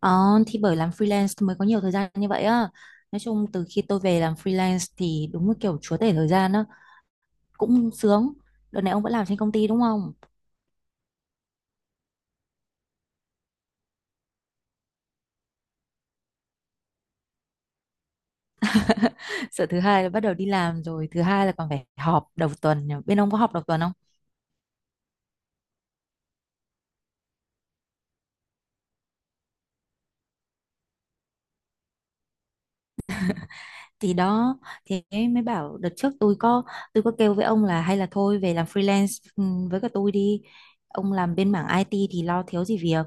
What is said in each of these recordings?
Ờ, thì bởi làm freelance mới có nhiều thời gian như vậy á. Nói chung từ khi tôi về làm freelance thì đúng là kiểu chúa tể thời gian á, cũng sướng. Đợt này ông vẫn làm trên công ty đúng không? Sợ thứ hai là bắt đầu đi làm rồi, thứ hai là còn phải họp đầu tuần. Nhỉ? Bên ông có họp đầu tuần không? Thì đó, thì ấy mới bảo đợt trước tôi có kêu với ông là hay là thôi về làm freelance với cả tôi đi. Ông làm bên mảng IT thì lo thiếu gì việc.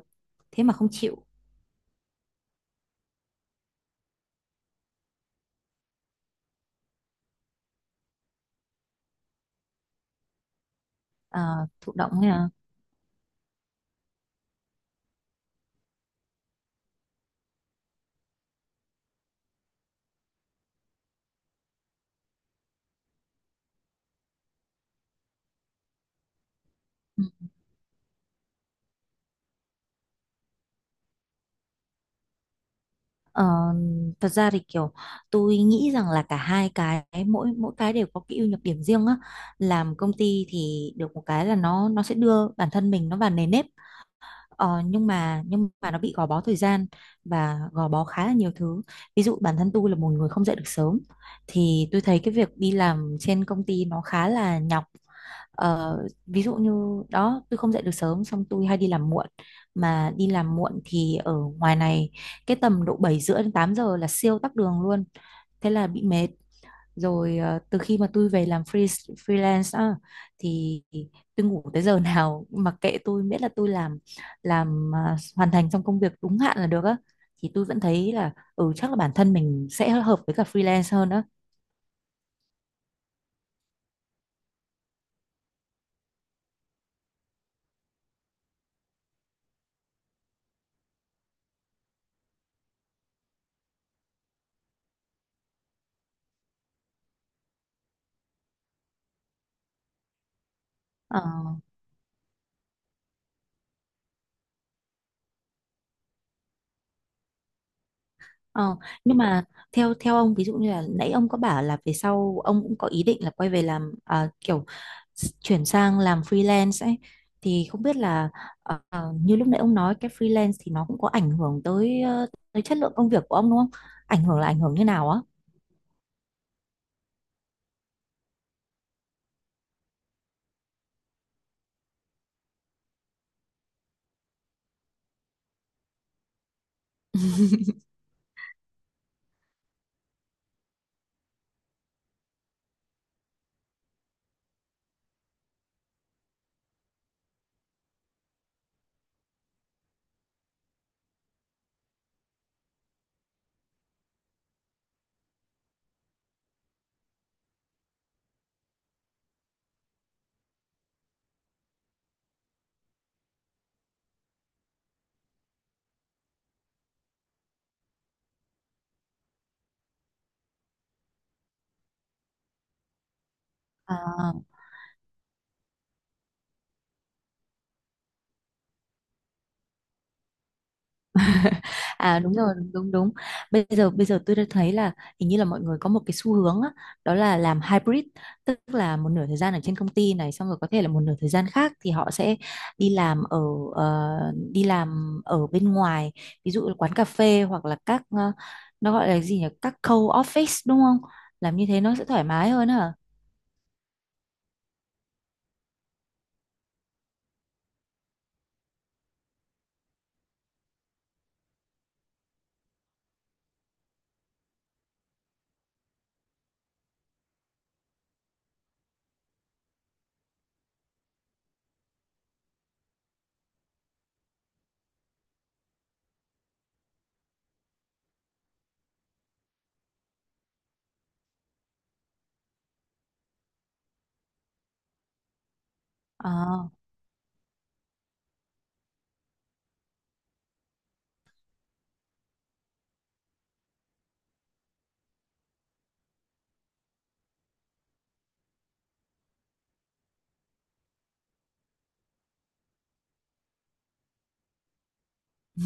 Thế mà không chịu. à, Thụ động ấy à. Ờ, Thật ra thì kiểu tôi nghĩ rằng là cả hai cái mỗi mỗi cái đều có cái ưu nhược điểm riêng á. Làm công ty thì được một cái là nó sẽ đưa bản thân mình nó vào nề nếp, nhưng mà nó bị gò bó thời gian và gò bó khá là nhiều thứ. Ví dụ bản thân tôi là một người không dậy được sớm, thì tôi thấy cái việc đi làm trên công ty nó khá là nhọc. Ờ, Ví dụ như đó tôi không dậy được sớm xong tôi hay đi làm muộn, mà đi làm muộn thì ở ngoài này cái tầm độ 7 rưỡi đến 8 giờ là siêu tắc đường luôn, thế là bị mệt. Rồi từ khi mà tôi về làm freelance á, thì tôi ngủ tới giờ nào mặc kệ tôi, miễn là tôi hoàn thành trong công việc đúng hạn là được á, thì tôi vẫn thấy là ừ chắc là bản thân mình sẽ hợp với cả freelance hơn á. Ờ, Ờ, nhưng mà theo theo ông, ví dụ như là nãy ông có bảo là về sau ông cũng có ý định là quay về làm, chuyển sang làm freelance ấy, thì không biết là như lúc nãy ông nói cái freelance thì nó cũng có ảnh hưởng tới tới chất lượng công việc của ông đúng không? Ảnh hưởng là ảnh hưởng như nào á? À. À đúng rồi, đúng đúng. Bây giờ tôi đã thấy là hình như là mọi người có một cái xu hướng á, đó là làm hybrid, tức là một nửa thời gian ở trên công ty này xong rồi có thể là một nửa thời gian khác thì họ sẽ đi làm ở ờ, đi làm ở bên ngoài, ví dụ là quán cà phê hoặc là nó gọi là gì nhỉ? Các co-office đúng không? Làm như thế nó sẽ thoải mái hơn hả? À.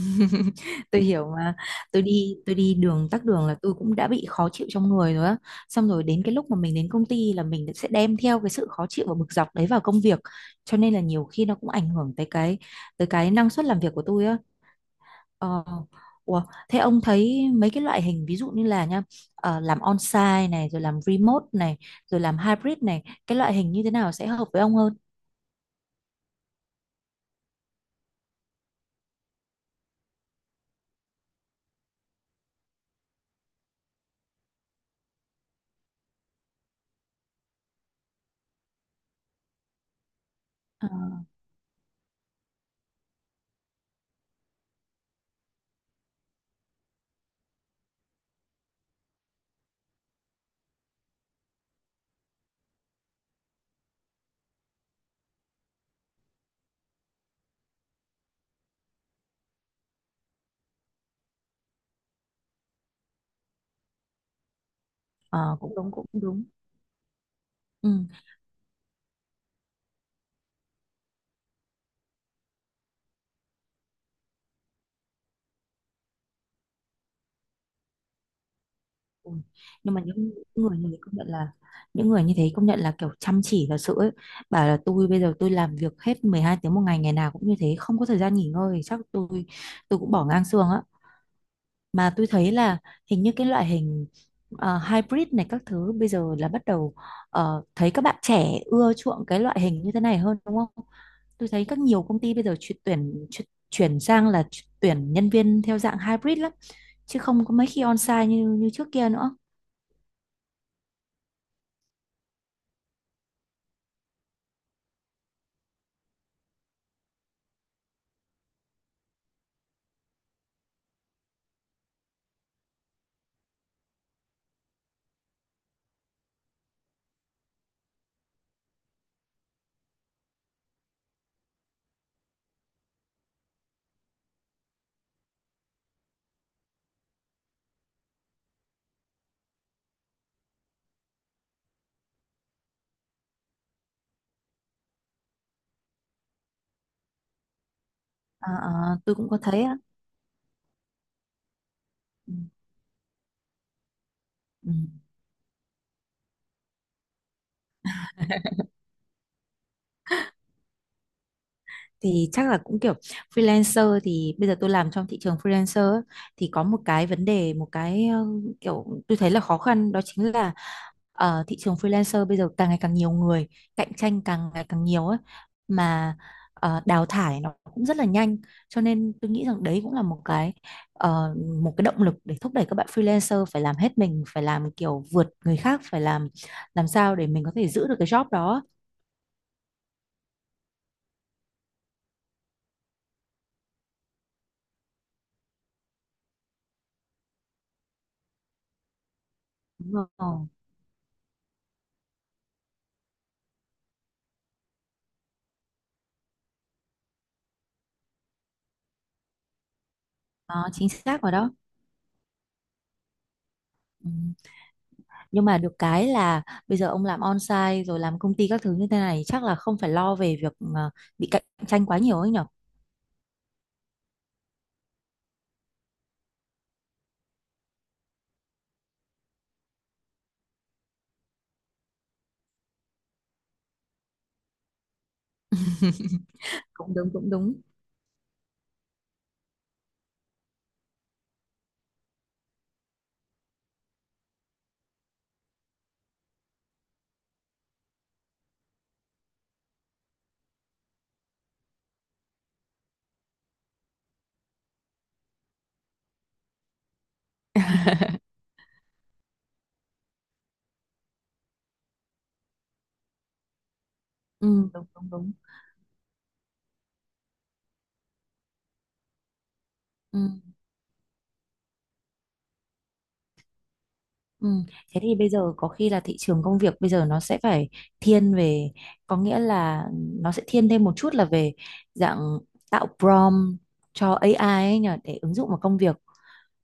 Tôi hiểu mà. Tôi đi đường tắc đường là tôi cũng đã bị khó chịu trong người rồi á, xong rồi đến cái lúc mà mình đến công ty là mình sẽ đem theo cái sự khó chịu và bực dọc đấy vào công việc, cho nên là nhiều khi nó cũng ảnh hưởng tới tới cái năng suất làm việc của tôi á. ờ, Ủa, thế ông thấy mấy cái loại hình ví dụ như là nha, làm on-site này rồi làm remote này rồi làm hybrid này, cái loại hình như thế nào sẽ hợp với ông hơn? Ờ, ờ, Cũng đúng cũng đúng. Ừ. Ui, nhưng mà những người như thế công nhận là những người như thế công nhận là kiểu chăm chỉ thật sự ấy. Bảo là tôi bây giờ tôi làm việc hết 12 tiếng một ngày, ngày nào cũng như thế không có thời gian nghỉ ngơi, chắc tôi cũng bỏ ngang xương á. Mà tôi thấy là hình như cái loại hình hybrid này các thứ bây giờ là bắt đầu, thấy các bạn trẻ ưa chuộng cái loại hình như thế này hơn đúng không. Tôi thấy các nhiều công ty bây giờ chuyển sang là tuyển nhân viên theo dạng hybrid lắm, chứ không có mấy khi on-site như như trước kia nữa. Ờ, ờ, tôi cũng có thấy á. Ừ. Ừ. Thì chắc là cũng kiểu freelancer thì bây giờ tôi làm trong thị trường freelancer á, thì có một cái vấn đề một cái kiểu tôi thấy là khó khăn, đó chính là ở thị trường freelancer bây giờ càng ngày càng nhiều người, cạnh tranh càng ngày càng nhiều ấy. Mà đào thải nó cũng rất là nhanh, cho nên tôi nghĩ rằng đấy cũng là một cái ờ, một cái động lực để thúc đẩy các bạn freelancer phải làm hết mình, phải làm kiểu vượt người khác, phải làm sao để mình có thể giữ được cái job đó. Đúng rồi. Đó, chính xác rồi đó. Ừ. Nhưng mà được cái là bây giờ ông làm on-site rồi làm công ty các thứ như thế này chắc là không phải lo về việc bị cạnh tranh quá nhiều ấy nhở? Cũng đúng, cũng đúng. Ừ, đúng, đúng, đúng. Ừ, ừ. Thế thì bây giờ có khi là thị trường công việc bây giờ nó sẽ phải thiên về, có nghĩa là nó sẽ thiên thêm một chút là về dạng tạo prompt cho AI ấy nhở, để ứng dụng vào công việc.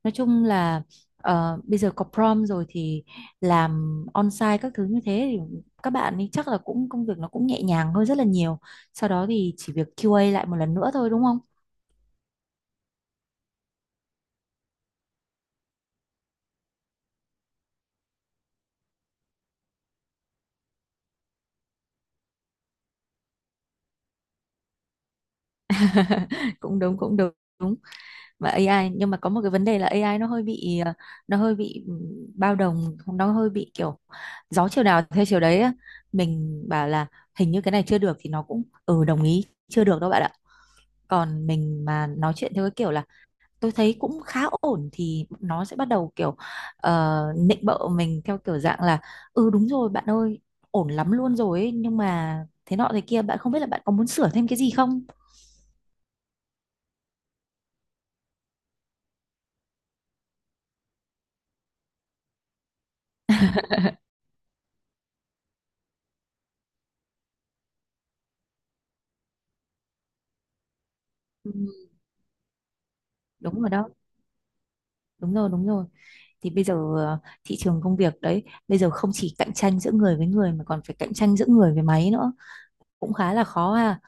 Nói chung là bây giờ có prom rồi thì làm on-site các thứ như thế thì các bạn ấy chắc là cũng công việc nó cũng nhẹ nhàng hơn rất là nhiều. Sau đó thì chỉ việc QA lại một lần nữa thôi đúng không? Cũng đúng cũng đúng. Đúng. Mà AI, nhưng mà có một cái vấn đề là AI nó hơi bị bao đồng, nó hơi bị kiểu gió chiều nào theo chiều đấy á. Mình bảo là hình như cái này chưa được thì nó cũng ừ đồng ý chưa được đâu bạn ạ. Còn mình mà nói chuyện theo cái kiểu là tôi thấy cũng khá ổn thì nó sẽ bắt đầu kiểu nịnh bợ mình theo kiểu dạng là ừ đúng rồi bạn ơi, ổn lắm luôn rồi ấy, nhưng mà thế nọ thế kia bạn không biết là bạn có muốn sửa thêm cái gì không. Ừ. Đúng rồi đó, đúng rồi đúng rồi. Thì bây giờ thị trường công việc đấy bây giờ không chỉ cạnh tranh giữa người với người mà còn phải cạnh tranh giữa người với máy nữa, cũng khá là khó ha.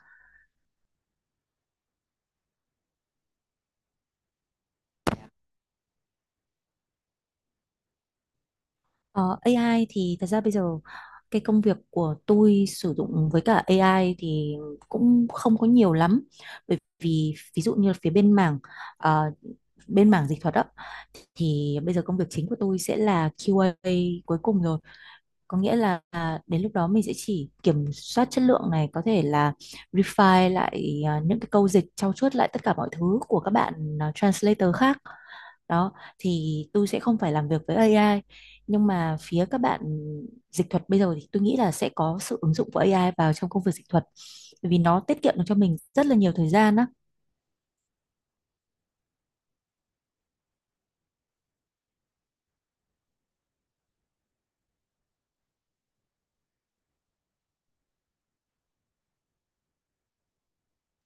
Ờ, AI thì thật ra bây giờ cái công việc của tôi sử dụng với cả AI thì cũng không có nhiều lắm, bởi vì ví dụ như phía ờ, bên mảng dịch thuật á, thì bây giờ công việc chính của tôi sẽ là QA cuối cùng rồi, có nghĩa là đến lúc đó mình sẽ chỉ kiểm soát chất lượng này, có thể là refine lại những cái câu dịch, trau chuốt lại tất cả mọi thứ của các bạn translator khác đó, thì tôi sẽ không phải làm việc với AI. Nhưng mà phía các bạn dịch thuật bây giờ thì tôi nghĩ là sẽ có sự ứng dụng của AI vào trong công việc dịch thuật, bởi vì nó tiết kiệm được cho mình rất là nhiều thời gian á.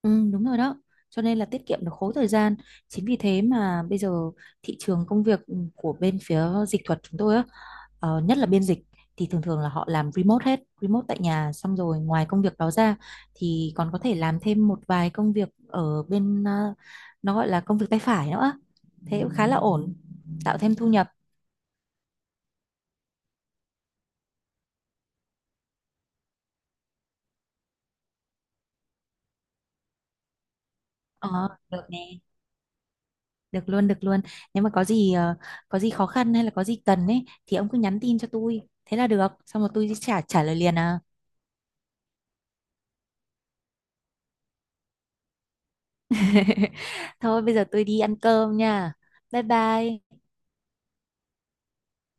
Ừ, đúng rồi đó. Cho nên là tiết kiệm được khối thời gian. Chính vì thế mà bây giờ thị trường công việc của bên phía dịch thuật chúng tôi á, nhất là biên dịch thì thường thường là họ làm remote hết, remote tại nhà, xong rồi ngoài công việc đó ra thì còn có thể làm thêm một vài công việc ở nó gọi là công việc tay phải nữa. Thế cũng khá là ổn, tạo thêm thu nhập. Ờ, được nè. Được luôn, được luôn. Nếu mà có gì có gì khó khăn hay là có gì cần ấy thì ông cứ nhắn tin cho tôi. Thế là được. Xong rồi tôi sẽ trả trả lời liền à. Thôi bây giờ tôi đi ăn cơm nha. Bye bye.